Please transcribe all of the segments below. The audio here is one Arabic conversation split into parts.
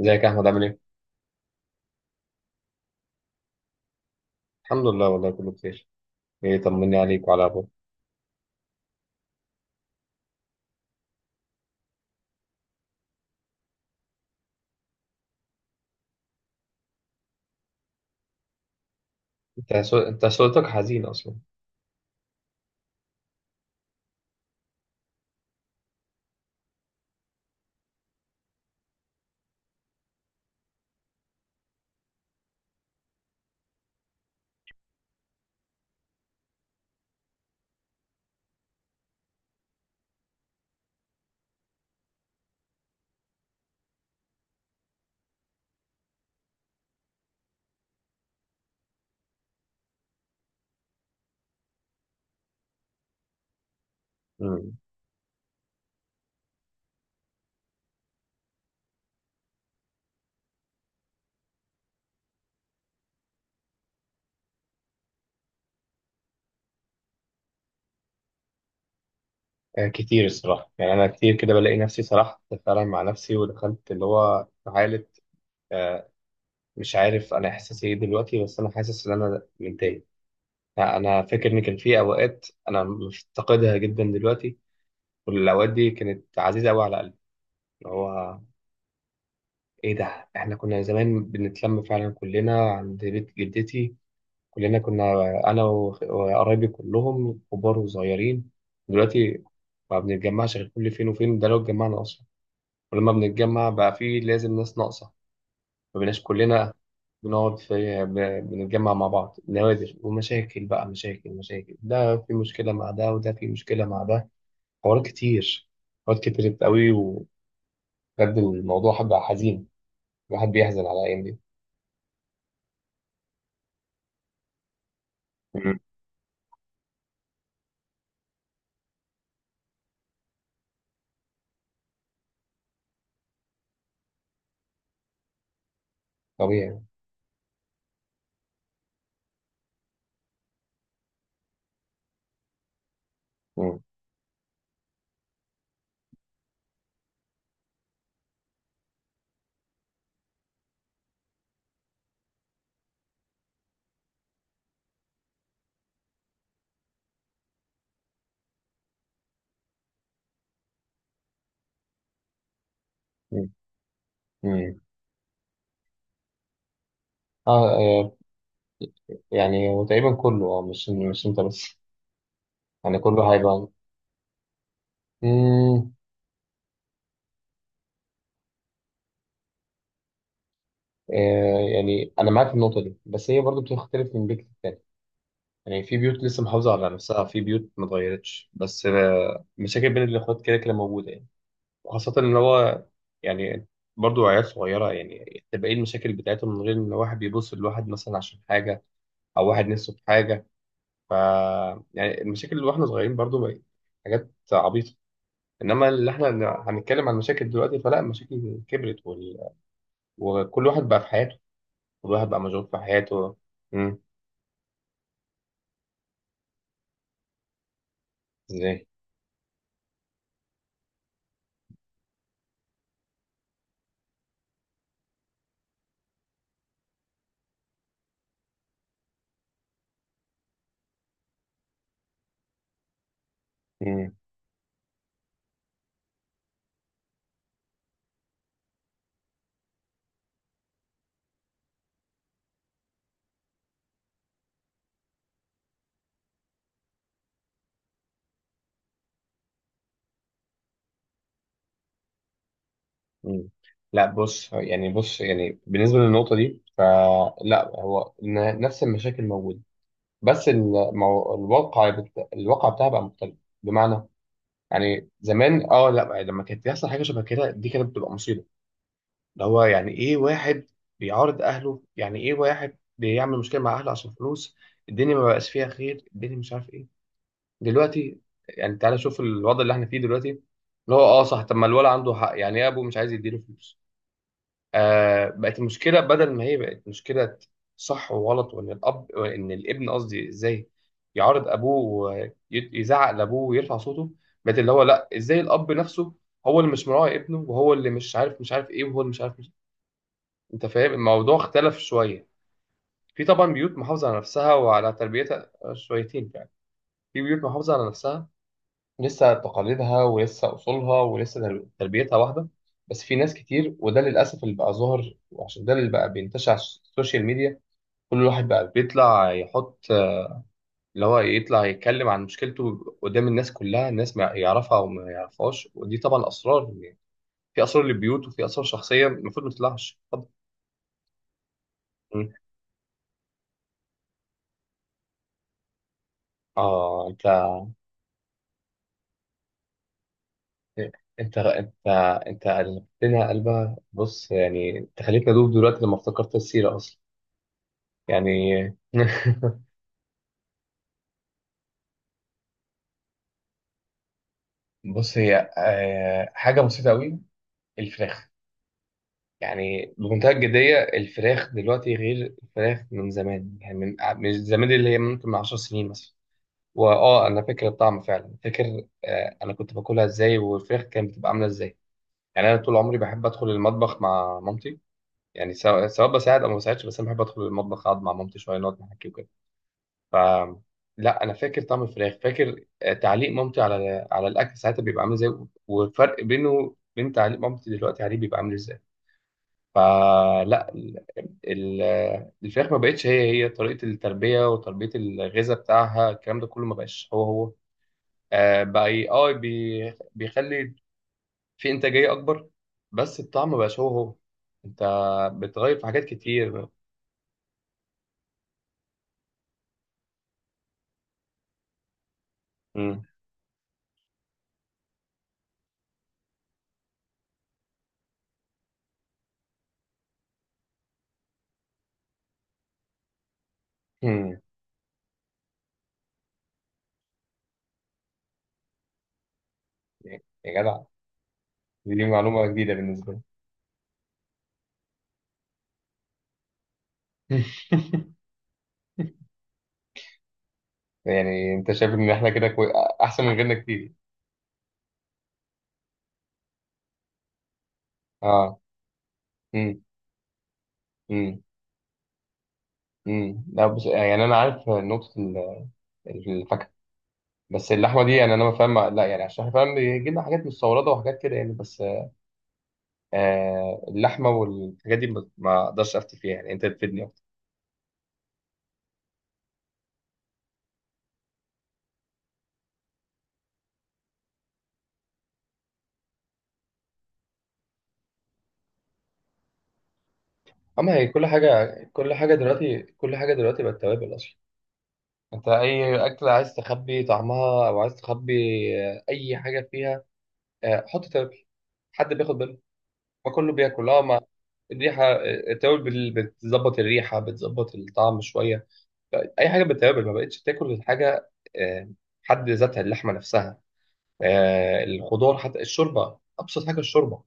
ازيك يا احمد عامل ايه؟ الحمد لله، والله كله بخير. ايه؟ طمني عليك وعلى ابوك. انت صوتك حزين اصلا. امم. آه، كتير الصراحه يعني انا كتير كده بلاقي نفسي سرحت فعلا مع نفسي ودخلت اللي هو في حاله. آه، مش عارف انا احساسي ايه دلوقتي، بس انا حاسس ان انا متضايق. انا فاكر ان كان في اوقات انا مفتقدها جدا دلوقتي، والاوقات دي كانت عزيزه قوي على قلبي. اللي هو ايه ده، احنا كنا زمان بنتلم فعلا كلنا عند بيت جدتي. كلنا كنا انا و- وقرايبي كلهم كبار وصغيرين. دلوقتي ما بنتجمعش غير كل فين وفين، ده لو اتجمعنا اصلا. ولما بنتجمع بقى في لازم ناس ناقصه، ما بقيناش كلنا. بنقعد بنتجمع مع بعض نوادر، ومشاكل بقى، مشاكل، ده في مشكله مع ده وده في مشكله مع ده. حوارات كتير، حوارات كتير قوي وبجد، الموضوع بقى حزين. الواحد بيحزن على الايام دي. مم. طبيعي. مم. مم. مم. اه، يعني وتقريبا كله، مش انت بس، يعني كله هيبقى. امم يعني انا معاك في النقطه دي، بس هي برضو بتختلف من بيت للتاني. يعني في بيوت لسه محافظه على نفسها، في بيوت ما اتغيرتش، بس مشاكل بين الاخوات كده كده موجوده يعني. وخاصه ان هو، يعني برضو عيال صغيره، يعني تبقى ايه المشاكل بتاعتهم من غير ان واحد بيبص لواحد مثلا عشان حاجه، او واحد نفسه في حاجه. ف يعني المشاكل اللي واحنا صغيرين برضو بقت حاجات عبيطه، انما اللي احنا هنتكلم عن المشاكل دلوقتي فلا، المشاكل كبرت وال... وكل واحد بقى في حياته، كل واحد بقى مشغول في حياته. امم. ازاي؟ امم. امم. لا بص يعني، بص يعني بالنسبه للنقطه دي فلا، هو إن نفس المشاكل موجوده، بس الواقع بتاعها بقى مختلف. بمعنى، يعني زمان، لا يعني لما كانت بيحصل حاجه شبه كده دي كانت بتبقى مصيبه. اللي هو يعني ايه واحد بيعارض اهله، يعني ايه واحد بيعمل مشكله مع اهله عشان فلوس، الدنيا ما بقاش فيها خير، الدنيا مش عارف ايه. دلوقتي، يعني تعالى شوف الوضع اللي احنا فيه دلوقتي، اللي هو اه صح، طب ما الولد عنده حق، يعني ايه ابوه مش عايز يديله فلوس. آه، بقت المشكله بدل ما هي بقت مشكله صح وغلط، وان الاب وان الابن قصدي، ازاي يعارض ابوه ويزعق لابوه ويرفع صوته. بقت اللي هو لا، ازاي الاب نفسه هو اللي مش مراعي ابنه، وهو اللي مش عارف ايه، وهو اللي مش عارف. انت فاهم الموضوع اختلف شويه. في طبعا بيوت محافظه على نفسها وعلى تربيتها شويتين يعني. في بيوت محافظه على نفسها، لسه تقاليدها ولسه اصولها ولسه تربيتها واحده. بس في ناس كتير، وده للاسف اللي بقى ظاهر، وعشان ده اللي بقى بينتشر على السوشيال ميديا. كل واحد بقى بيطلع يحط، اللي هو يطلع يتكلم عن مشكلته قدام الناس كلها، الناس ما يعرفها او ما يعرفهاش، ودي طبعا اسرار يعني. في اسرار للبيوت، وفي اسرار شخصيه المفروض ما تطلعش. اتفضل. اه، انت انت انت قلبتنا قلبها، بص يعني انت خليتني ادوب دلوقتي لما افتكرت السيره اصلا، يعني. بص هي حاجه بسيطه قوي، الفراخ. يعني بمنتهى الجديه، الفراخ دلوقتي غير الفراخ من زمان. يعني من زمان، اللي هي ممكن من 10 سنين مثلا. واه، انا فاكر الطعم فعلا، فاكر انا كنت باكلها ازاي، والفراخ كانت بتبقى عامله ازاي. يعني انا طول عمري بحب ادخل المطبخ مع مامتي، يعني سواء سواء بساعد او ما بساعدش، بس انا بحب ادخل المطبخ، اقعد مع مامتي شويه نقعد نحكي وكده. ف لا، انا فاكر طعم الفراخ، فاكر تعليق مامتي على على الاكل ساعتها بيبقى عامل ازاي، والفرق بينه بين تعليق مامتي دلوقتي عليه بيبقى عامل ازاي. فلا ال- الفراخ ما بقتش هي هي، طريقه التربيه وتربيه الغذاء بتاعها الكلام ده كله ما بقاش هو هو. بقى بيخلي في انتاجيه اكبر، بس الطعم ما بقاش هو هو. انت بتغير في حاجات كتير. امم. يا جدع، دي معلومة جديدة بالنسبة لي. يعني انت شايف ان احنا كده احسن من غيرنا كتير. اه. امم. امم. امم. لا بس، يعني انا عارف نقطة الفاكهة. بس اللحمة دي يعني انا ما فاهم، لا يعني عشان احنا فاهم بيجي لنا حاجات مستوردة وحاجات كده يعني، بس آه اللحمة والحاجات دي ما اقدرش افتي فيها، يعني انت تفيدني اكتر. اما هي كل حاجة، كل حاجة دلوقتي، كل حاجة دلوقتي بقت توابل اصلا. انت اي اكلة عايز تخبي طعمها، او عايز تخبي اي حاجة فيها، حط توابل. حد بياخد باله؟ ما كله بياكل. اه، ما الريحه، التوابل بتظبط الريحه، بتظبط الطعم شويه. اي حاجه بالتوابل ما بقتش تاكل غير حاجه آه، حد ذاتها، اللحمه نفسها، الخضار، حتى الشوربه. ابسط حاجه الشوربه،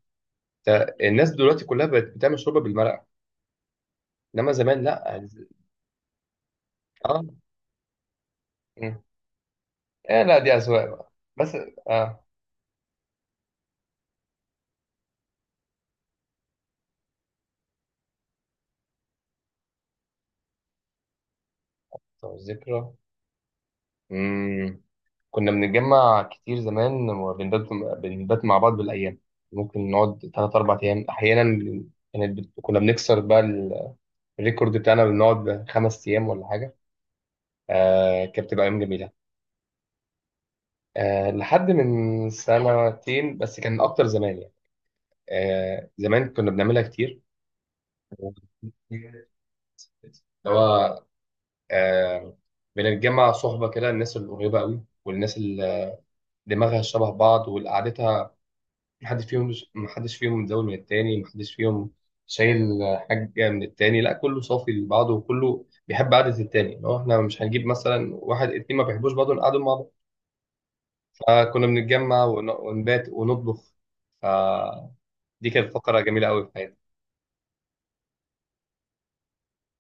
الناس دلوقتي كلها بقت بتعمل شوربه بالمرقه، انما زمان لا. اه. مم. لا دي اذواق بقى، بس. اه، طب ذكرى، كنا بنتجمع كتير زمان وبنبات، بنبات مع بعض بالأيام، ممكن نقعد تلات أربع أيام أحيانا. كنا بنكسر بقى الريكورد بتاعنا، بنقعد خمس أيام ولا حاجة. آه، كانت بتبقى أيام جميلة. آه، لحد من سنتين بس، كان أكتر زمان يعني. آه، زمان كنا بنعملها كتير، اللي هو آه بنتجمع صحبة كده، الناس القريبة قوي والناس اللي دماغها شبه بعض، والقعدة محدش فيهم مزود من التاني، محدش فيهم شايل حاجة من التاني، لا كله صافي لبعضه، وكله بيحب قعدة التاني، لو احنا مش هنجيب مثلا واحد اتنين ما بيحبوش بعض نقعدوا مع بعض. فكنا بنتجمع ونبات ونطبخ، فدي كانت فقرة جميلة قوي في حياتي.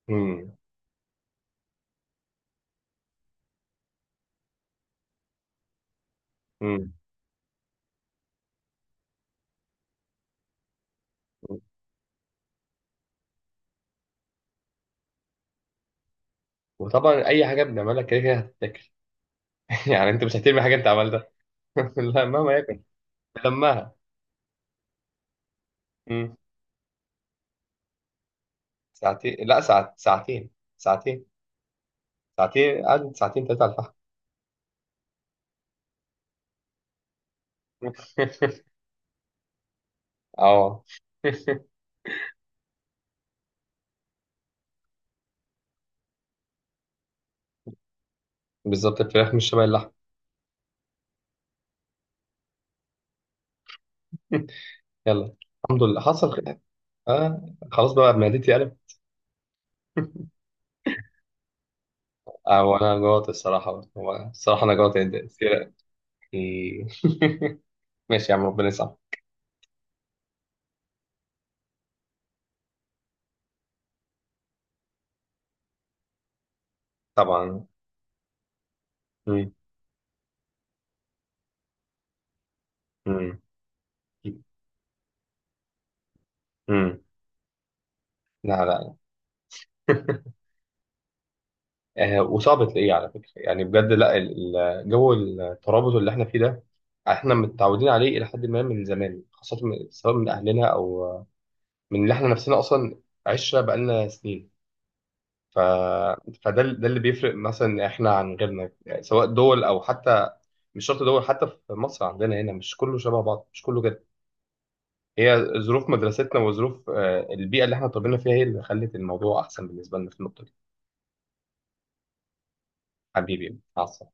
مم. مم. وطبعا أي حاجة بنعملها كده كده هتتاكل، يعني أنت مش هترمي حاجة أنت عملتها. لا مهما يكن، لمها. مم. ساعتين، لا ساعتين ساعتين قعدت ساعتين تلاتة على الفحم. اه. بالظبط، الفراخ مش شبه اللحم. يلا، الحمد لله حصل خير. آه خلاص بقى معدتي قلب. آه، وانا جوعت الصراحه بقى. هو الصراحه انا جوعت جدا. سيرة إيه. ماشي يا عم، ربنا يسامحك. طبعا. مم. مم. مم. لا لا. آه، وصعب تلاقيه على فكره يعني بجد، لا جو الترابط اللي احنا فيه ده احنا متعودين عليه الى حد ما من زمان، خاصه من سواء من اهلنا او من اللي احنا نفسنا اصلا عشره بقالنا سنين. ف... ده اللي بيفرق مثلا احنا عن غيرنا، يعني سواء دول او حتى مش شرط دول، حتى في مصر عندنا هنا مش كله شبه بعض، مش كله كده. هي ظروف مدرستنا وظروف البيئة اللي احنا اتربينا فيها هي اللي خلت الموضوع احسن بالنسبة لنا في النقطة دي. حبيبي عسل.